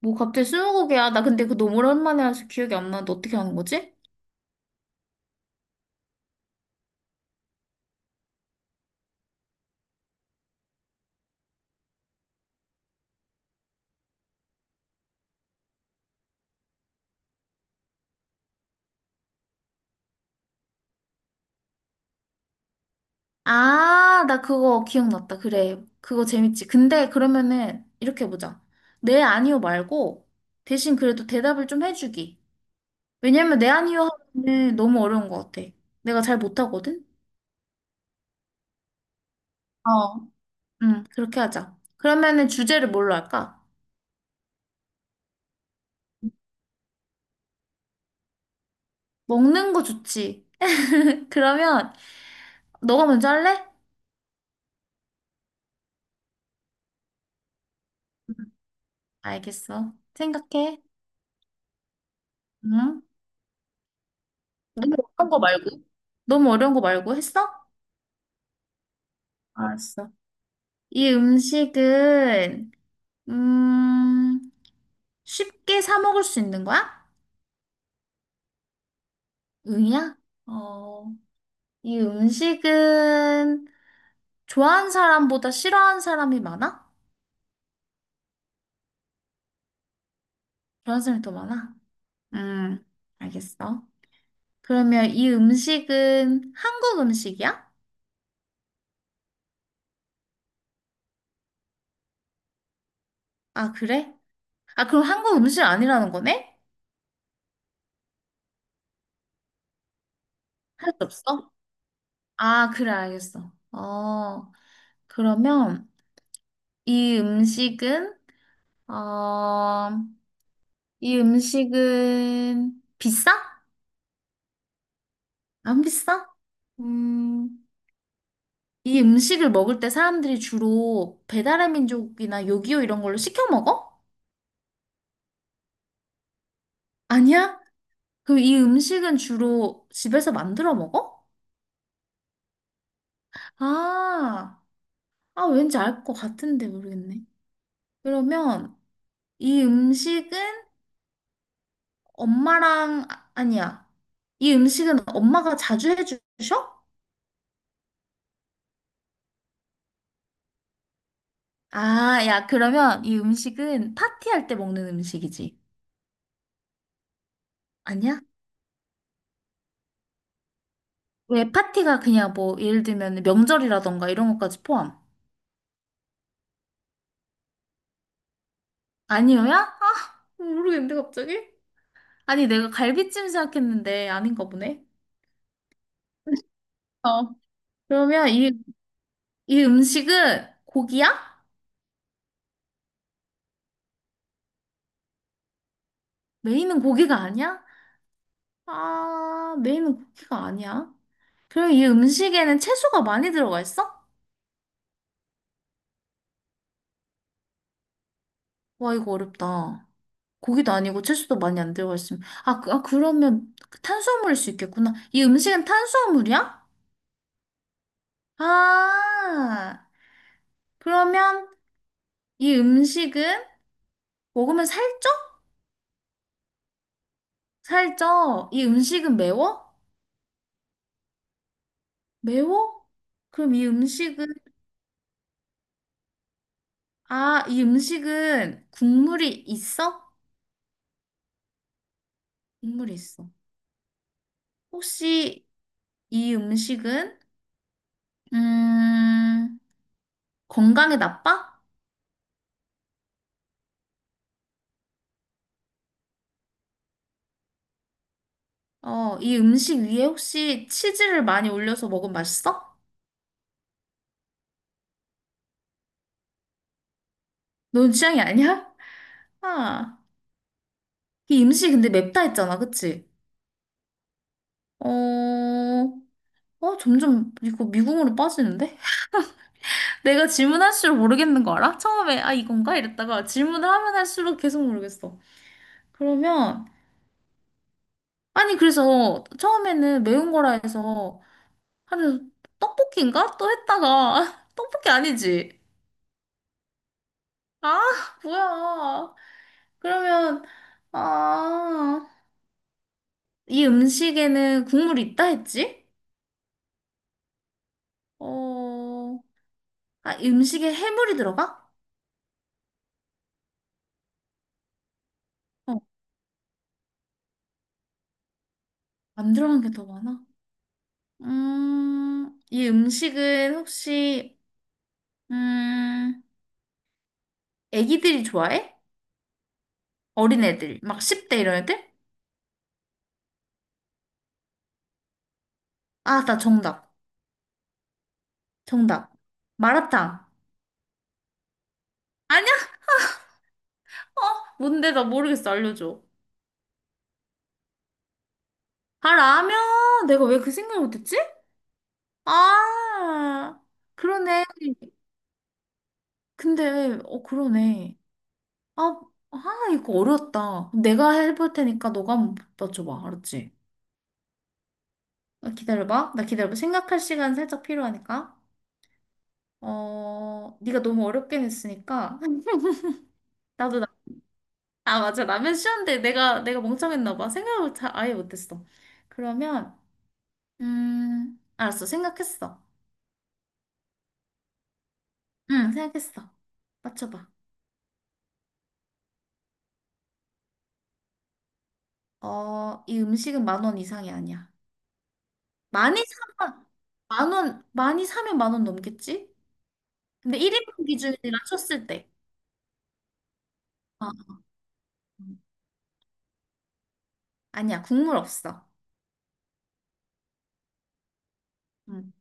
뭐 갑자기 스무고개야. 나 근데 그거 너무 오랜만에 해서 기억이 안 나는데 어떻게 하는 거지? 아, 나 그거 기억났다. 그래. 그거 재밌지. 근데 그러면은 이렇게 보자. 네, 아니요 말고 대신 그래도 대답을 좀 해주기. 왜냐면 네, 아니요 하면은 너무 어려운 것 같아. 내가 잘 못하거든? 어. 응, 그렇게 하자. 그러면은 주제를 뭘로 할까? 먹는 거 좋지. 그러면 너가 먼저 할래? 응. 알겠어. 생각해. 응? 너무 어려운 거 말고? 너무 어려운 거 말고 했어? 알았어. 이 음식은 음, 쉽게 사 먹을 수 있는 거야? 응이야? 어, 이 음식은 좋아하는 사람보다 싫어하는 사람이 많아? 좋아하는 사람이 더 많아? 음, 알겠어. 그러면 이 음식은 한국 음식이야? 아, 그래? 아, 그럼 한국 음식 아니라는 거네? 할 수 없어? 아, 그래, 알겠어. 어, 그러면 이 음식은 어, 이 음식은 비싸? 안 비싸? 음, 이 음식을 먹을 때 사람들이 주로 배달의 민족이나 요기요 이런 걸로 시켜 먹어? 아니야? 그럼 이 음식은 주로 집에서 만들어 먹어? 아, 아 왠지 알 것 같은데 모르겠네. 그러면 이 음식은 아니야. 이 음식은 엄마가 자주 해주셔? 아, 야, 그러면 이 음식은 파티할 때 먹는 음식이지. 아니야? 왜 파티가 그냥 뭐, 예를 들면 명절이라던가 이런 것까지 포함. 아니요야? 아, 모르겠는데, 갑자기? 아니, 내가 갈비찜 생각했는데 아닌가 보네. 어. 그러면 이, 이 음식은 고기야? 메인은 고기가 아니야? 아, 메인은 고기가 아니야. 그럼 이 음식에는 채소가 많이 들어가 있어? 와, 이거 어렵다. 고기도 아니고 채소도 많이 안 들어가 있으면 아, 그, 아 그러면 탄수화물일 수 있겠구나. 이 음식은 탄수화물이야? 아 그러면 이 음식은 먹으면 살쪄? 살쪄. 이 음식은 매워? 매워? 그럼 이 음식은 아, 이 음식은 국물이 있어? 국물이 있어. 혹시 이 음식은 음 건강에 나빠? 어, 이 음식 위에 혹시 치즈를 많이 올려서 먹으면 맛있어? 넌 취향이 아니야? 아, 이 음식 근데 맵다 했잖아, 그치? 어, 어, 점점 이거 미궁으로 빠지는데? 내가 질문할수록 모르겠는 거 알아? 처음에, 아, 이건가? 이랬다가 질문을 하면 할수록 계속 모르겠어. 그러면, 아니, 그래서 처음에는 매운 거라 해서, 아니, 떡볶이인가? 또 했다가, 떡볶이 아니지? 아, 뭐야. 그러면, 아, 이 음식에는 국물이 있다 했지? 어, 아, 음식에 해물이 들어가? 어, 안 들어간 게 더 많아. 이 음식은 혹시, 음, 애기들이 좋아해? 어린애들, 막 10대 이런 애들? 아, 나 정답. 정답. 마라탕. 아니야? 어, 뭔데? 나 모르겠어. 알려줘. 아, 라면. 내가 왜 그 생각을 못했지? 아, 그러네. 근데, 어, 그러네. 아, 아, 이거 어려웠다. 내가 해볼 테니까 너가 한번 맞춰봐. 알았지? 어, 기다려봐. 나 기다려봐. 생각할 시간 살짝 필요하니까. 어, 네가 너무 어렵게 했으니까. 나도 나, 아, 맞아. 라면 쉬웠는데 내가 멍청했나 봐. 생각을 잘 아예 못했어. 그러면, 알았어. 생각했어. 응, 생각했어. 맞춰봐. 어, 이 음식은 10,000원 이상이 아니야. 많이 사면, 10,000원, 많이 사면 10,000원 넘겠지? 근데 1인분 기준이라 쳤을 때. 어. 아니야, 국물 없어. 응.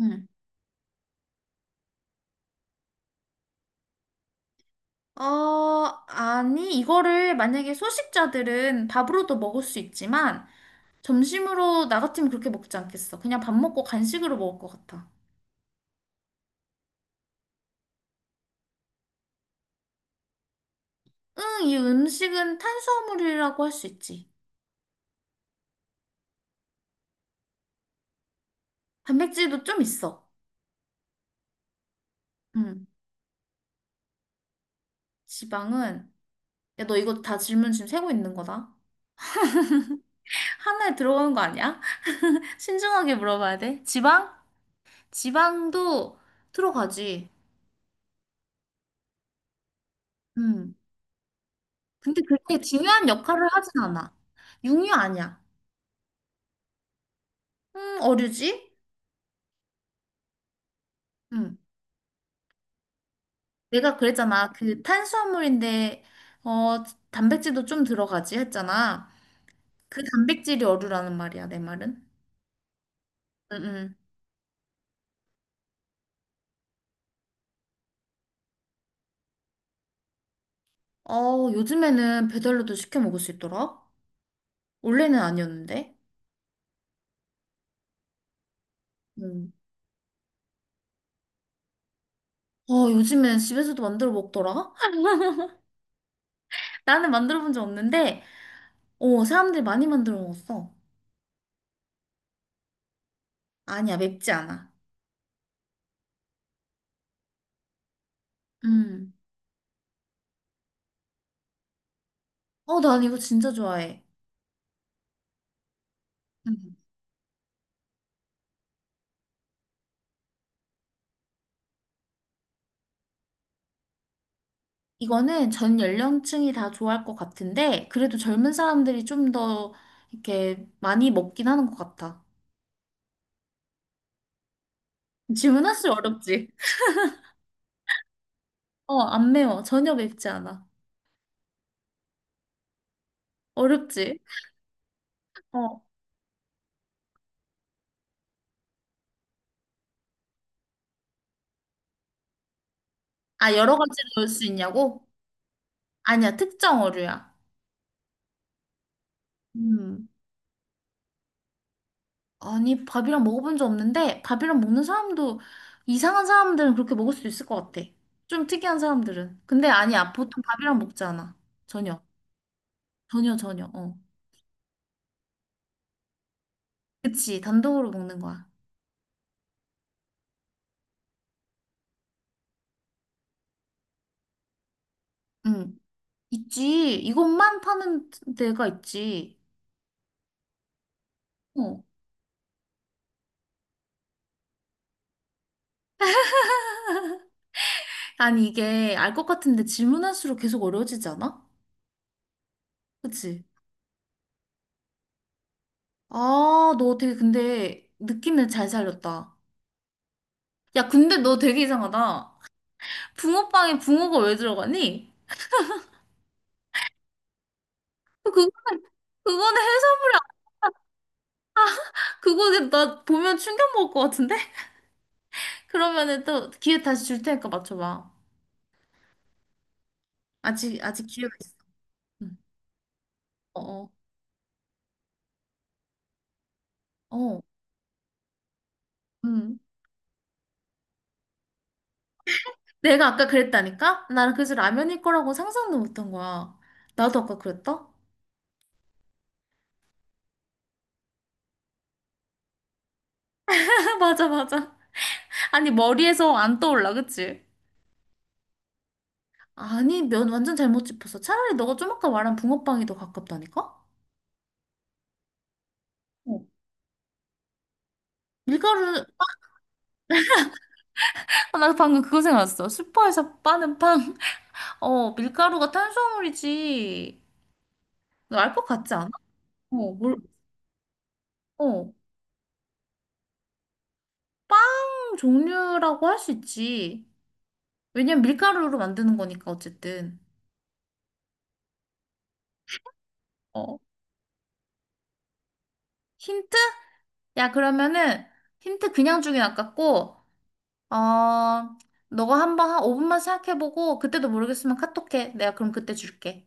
응. 어, 아니, 이거를 만약에 소식자들은 밥으로도 먹을 수 있지만, 점심으로 나 같으면 그렇게 먹지 않겠어. 그냥 밥 먹고 간식으로 먹을 것 같아. 응, 이 음식은 탄수화물이라고 할 수 있지. 단백질도 좀 있어. 응, 지방은. 야, 너 이거 다 질문 지금 세고 있는 거다. 하나에 들어가는 거 아니야? 신중하게 물어봐야 돼. 지방? 지방도 들어가지. 응. 근데 그렇게 중요한 역할을 하진 않아. 육류 아니야. 어류지? 응. 내가 그랬잖아. 그 탄수화물인데, 어, 단백질도 좀 들어가지 했잖아. 그 단백질이 어류라는 말이야, 내 말은. 응, 응. 어, 요즘에는 배달로도 시켜 먹을 수 있더라? 원래는 아니었는데. 응. 어, 요즘엔 집에서도 만들어 먹더라? 나는 만들어 본 적 없는데, 어, 사람들이 많이 만들어 먹었어. 아니야, 맵지 않아. 응. 어, 난 이거 진짜 좋아해. 이거는 전 연령층이 다 좋아할 것 같은데, 그래도 젊은 사람들이 좀 더 이렇게 많이 먹긴 하는 것 같아. 질문할수록 어렵지? 어, 안 매워. 전혀 맵지 않아. 어렵지? 어. 아, 여러 가지로 넣을 수 있냐고? 아니야, 특정 어류야. 음. 아니, 밥이랑 먹어본 적 없는데, 밥이랑 먹는 사람도, 이상한 사람들은 그렇게 먹을 수 있을 것 같아. 좀 특이한 사람들은. 근데 아니야, 보통 밥이랑 먹지 않아. 전혀. 전혀, 전혀. 어. 그치, 단독으로 먹는 거야. 응. 있지. 이것만 파는 데가 있지. 어. 아니, 이게 알 것 같은데 질문할수록 계속 어려워지지 않아? 그치? 아, 너 되게 근데 느낌을 잘 살렸다. 야, 근데 너 되게 이상하다. 붕어빵에 붕어가 왜 들어가니? 그거는, 그거는 해산물이, 그거 나 보면 충격 먹을 것 같은데? 그러면은 또 기회 다시 줄 테니까 맞춰봐. 아직, 아직 기회가 있어. 응. 어, 어, 어. 응. 내가 아까 그랬다니까? 나는 그래서 라면일 거라고 상상도 못한 거야. 나도 아까 그랬다? 맞아, 맞아. 아니, 머리에서 안 떠올라, 그치? 아니, 면 완전 잘못 짚었어. 차라리 너가 좀 아까 말한 붕어빵이 더 가깝다니까? 어. 밀가루, 아, 나 방금 그거 생각났어. 슈퍼에서 파는 빵. 어, 밀가루가 탄수화물이지. 너 알 것 같지 않아? 어, 뭘, 어. 빵 종류라고 할 수 있지. 왜냐면 밀가루로 만드는 거니까, 어쨌든. 어. 힌트? 야, 그러면은 힌트 그냥 주긴 아깝고, 어, 너가 한번 한 5분만 생각해보고, 그때도 모르겠으면 카톡해. 내가 그럼 그때 줄게.